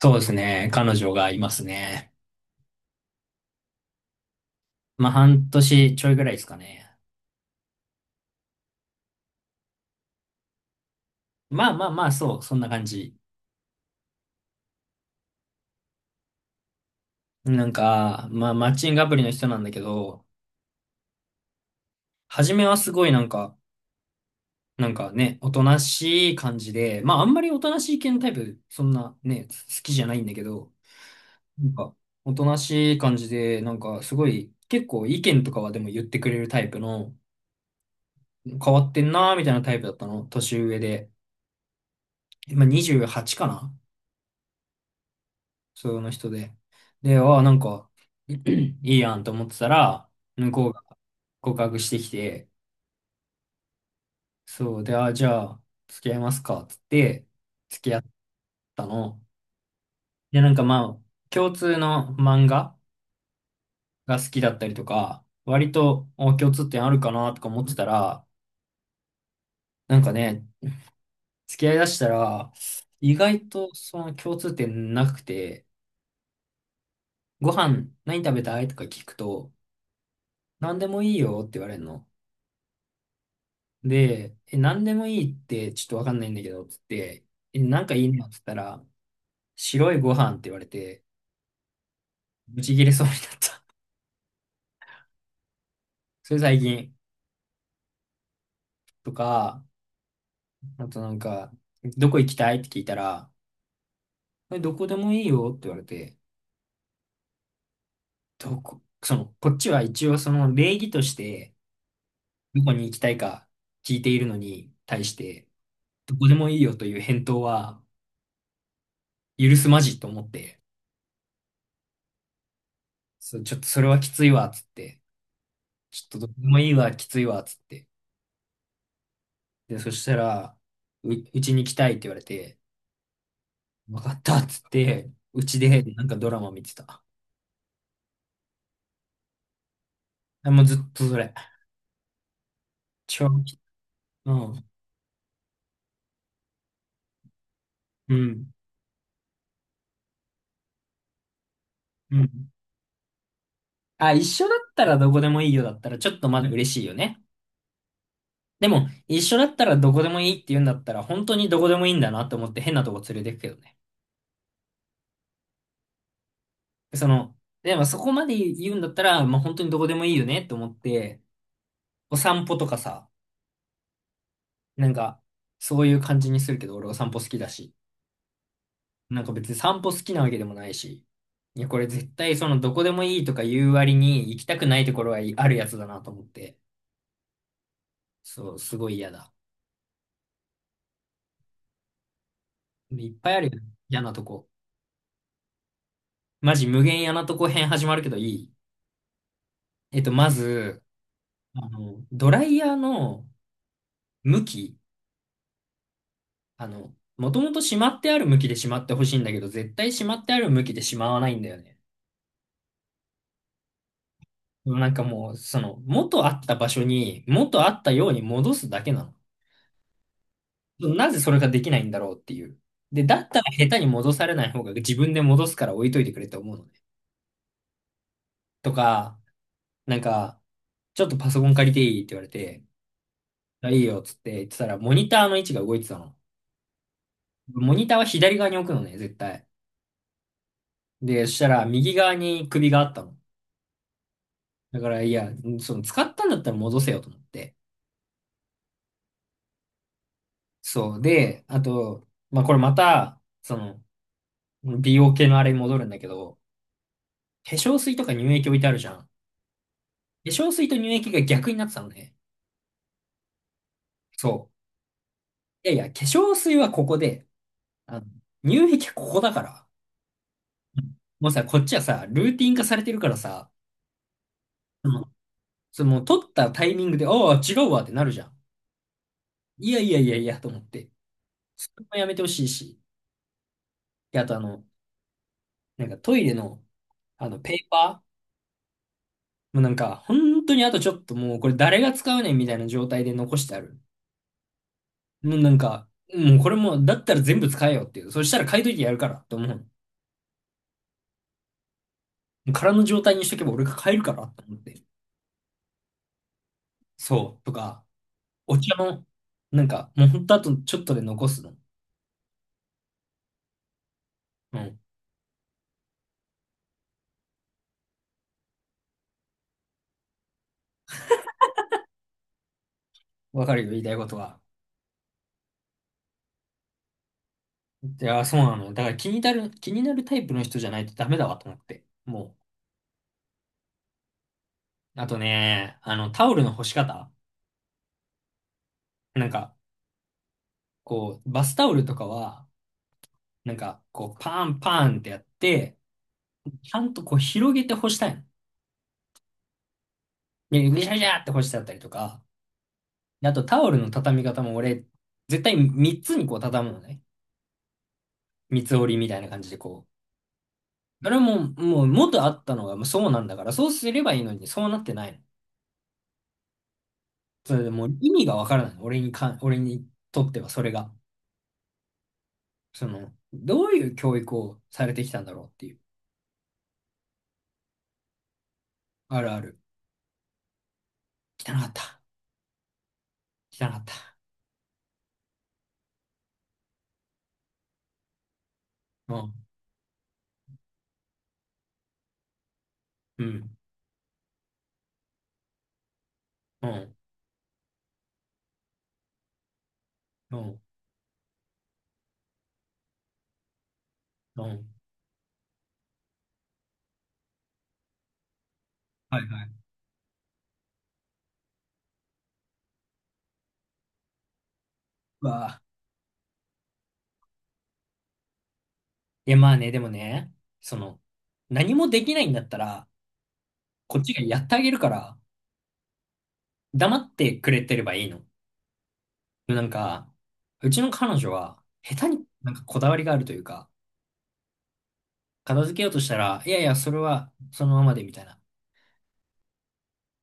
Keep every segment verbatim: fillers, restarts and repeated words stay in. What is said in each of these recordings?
そうですね。彼女がいますね。まあ、半年ちょいぐらいですかね。まあまあまあ、そう、そんな感じ。なんか、まあ、マッチングアプリの人なんだけど、初めはすごいなんか、なんかね、おとなしい感じで、まあ、あんまりおとなしい系のタイプ、そんなね、好きじゃないんだけど、なんか、おとなしい感じで、なんか、すごい、結構意見とかはでも言ってくれるタイプの、変わってんなーみたいなタイプだったの、年上で。今にじゅうはちかな。その人で。で、ああ、なんか、いいやんと思ってたら、向こうが告白してきて、そう、で、ああ、じゃあ、付き合いますか、つって、付き合ったの。で、なんかまあ、共通の漫画が好きだったりとか、割と、お、共通点あるかな、とか思ってたら、なんかね、付き合いだしたら、意外とその共通点なくて、ご飯何食べたいとか聞くと、何でもいいよって言われるの。で、え、何でもいいってちょっとわかんないんだけど、つって、え、なんかいいのっつったら、白いご飯って言われて、ブチ切れそうになった。それ最近。とか、あとなんか、どこ行きたいって聞いたら、えどこでもいいよって言われて、どこ、その、こっちは一応その礼儀として、どこに行きたいか聞いているのに対して、どこでもいいよという返答は許すまじと思って、そう、ちょっとそれはきついわ、つって、ちょっとどこでもいいわ、きついわ、つって、で、そしたら、う、うちに来たいって言われて、わかったっつって、うちで、なんかドラマ見てた。あもうずっとそれ。超、うん、うん、うん。あ、一緒だったらどこでもいいよだったら、ちょっとまだ嬉しいよね。でも、一緒だったらどこでもいいって言うんだったら、本当にどこでもいいんだなと思って変なとこ連れてくけどね。その、でもそこまで言うんだったら、まあ、本当にどこでもいいよねって思って、お散歩とかさ、なんか、そういう感じにするけど、俺お散歩好きだし。なんか別に散歩好きなわけでもないし。いや、これ絶対そのどこでもいいとか言う割に行きたくないところはあるやつだなと思って。そう、すごい嫌だ。いっぱいあるよね。嫌なとこ。マジ無限嫌なとこ編始まるけどいい？えっと、まず、あの、ドライヤーの向き、あの、もともとしまってある向きでしまってほしいんだけど、絶対しまってある向きでしまわないんだよね。なんかもう、その、元あった場所に、元あったように戻すだけなの。なぜそれができないんだろうっていう。で、だったら下手に戻されない方が自分で戻すから置いといてくれって思うのね。とか、なんか、ちょっとパソコン借りていいって言われて、あいいよっつって言ってたら、モニターの位置が動いてたの。モニターは左側に置くのね、絶対。で、そしたら右側に首があったの。だから、いや、その使ったんだったら戻せよと思って。そう。で、あと、まあ、これまた、その、美容系のあれに戻るんだけど、化粧水とか乳液置いてあるじゃん。化粧水と乳液が逆になってたのね。そう。いやいや、化粧水はここで、あの、乳液はここだから。うんもうさ、こっちはさ、ルーティン化されてるからさ、その、その、取ったタイミングで、ああ、違うわってなるじゃん。いやいやいやいや、と思って。それもやめてほしいし。で、あとあの、なんかトイレの、あの、ペーパーもうなんか、本当にあとちょっともう、これ誰が使うねんみたいな状態で残してある。もうなんか、もうこれも、だったら全部使えよっていう。そしたら買いといてやるから、と思う。空の状態にしとけば俺が買えるから、と思って。そう。とか、お茶の、なんか、もうほんとあとちょっとで残すの。うん。わかるよ、言いたいことは。いや、そうなのよ。だから気になる、気になるタイプの人じゃないとダメだわと思って。もう。あとね、あの、タオルの干し方。なんか、こう、バスタオルとかは、なんか、こう、パンパンってやって、ちゃんとこう、広げて干したいの。ね、ぐしゃぐしゃって干してあったりとか。であと、タオルの畳み方も俺、絶対みっつにこう、畳むのね。三つ折りみたいな感じでこう。それはもう、もう元あったのがもうそうなんだから、そうすればいいのに、そうなってないの。それでもう意味がわからない。俺にか、俺にとってはそれが。その、どういう教育をされてきたんだろうっていう。あるある。汚かった。汚かった。うん。うん。うん。うん。うんはいはい。うわあ。いや、まあね、でもね、その、何もできないんだったら、こっちがやってあげるから、黙ってくれてればいいの。なんか、うちの彼女は、下手になんかこだわりがあるというか、片付けようとしたら、いやいや、それはそのままでみたいな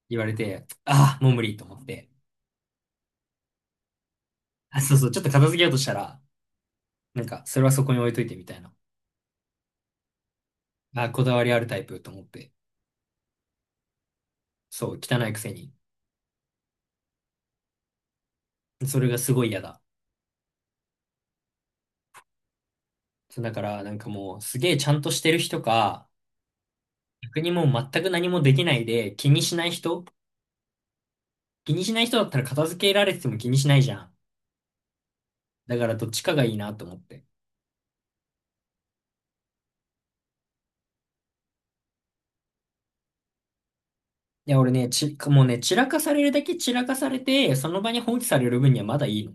言われて、ああ、もう無理と思って。あ、そうそう、ちょっと片付けようとしたら、なんか、それはそこに置いといてみたいな。あこだわりあるタイプと思って。そう、汚いくせに。それがすごい嫌だ。そうだから、なんかもう、すげえちゃんとしてる人か、逆にもう全く何もできないで、気にしない人。気にしない人だったら片付けられてても気にしないじゃん。だからどっちかがいいなと思って。いや、俺ね、ち、もうね、散らかされるだけ散らかされて、その場に放置される分にはまだいいの。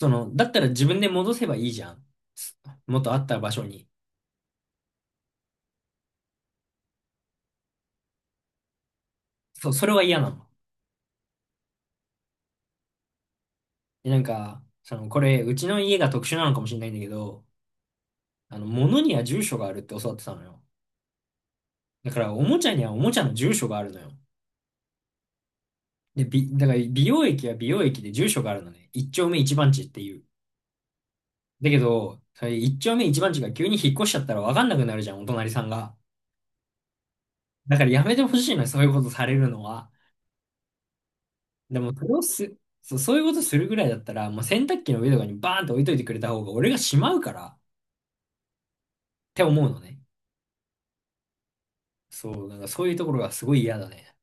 その、だったら自分で戻せばいいじゃん。す元あった場所に。そう、それは嫌なの。で、なんか、その、これ、うちの家が特殊なのかもしれないんだけど、あの、物には住所があるって教わってたのよ。だから、おもちゃにはおもちゃの住所があるのよ。で、び、だから、美容液は美容液で住所があるのね。一丁目一番地っていう。だけど、それ一丁目一番地が急に引っ越しちゃったらわかんなくなるじゃん、お隣さんが。だからやめてほしいのよ、そういうことされるのは。でも、それをす、そう、そういうことするぐらいだったら、もう洗濯機の上とかにバーンと置いといてくれた方が俺がしまうからって思うのね。そう、なんかそういうところがすごい嫌だね。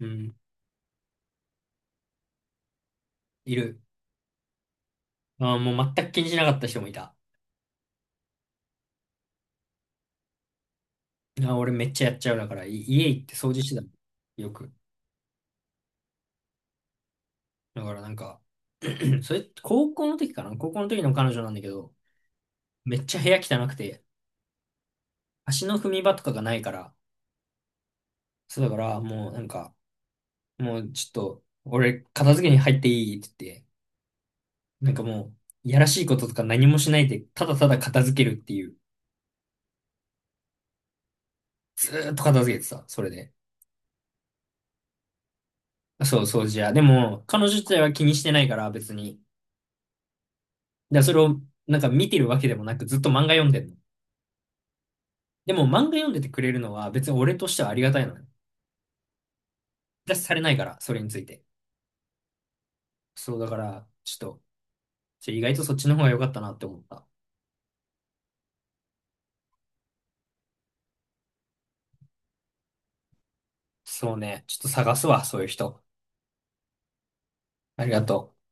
うん、いる。ああもう全く気にしなかった人もいた。ああ俺めっちゃやっちゃうだから、い家行って掃除してたもん。よく。だからなんか、それ、高校の時かな。高校の時の彼女なんだけど、めっちゃ部屋汚くて、足の踏み場とかがないから、そうだからもうなんか、もうちょっと、俺片付けに入っていいって言って、なんかもう、いやらしいこととか何もしないで、ただただ片付けるっていう。ずーっと片付けてた、それで。そう、掃除や。でも、彼女自体は気にしてないから、別に。で、それを、なんか見てるわけでもなく、ずっと漫画読んでんの。でも、漫画読んでてくれるのは、別に俺としてはありがたいのね。出しされないから、それについて。そう、だから、ちょっと、ちょ意外とそっちの方が良かったなって思った。そうね。ちょっと探すわ、そういう人。ありがとう。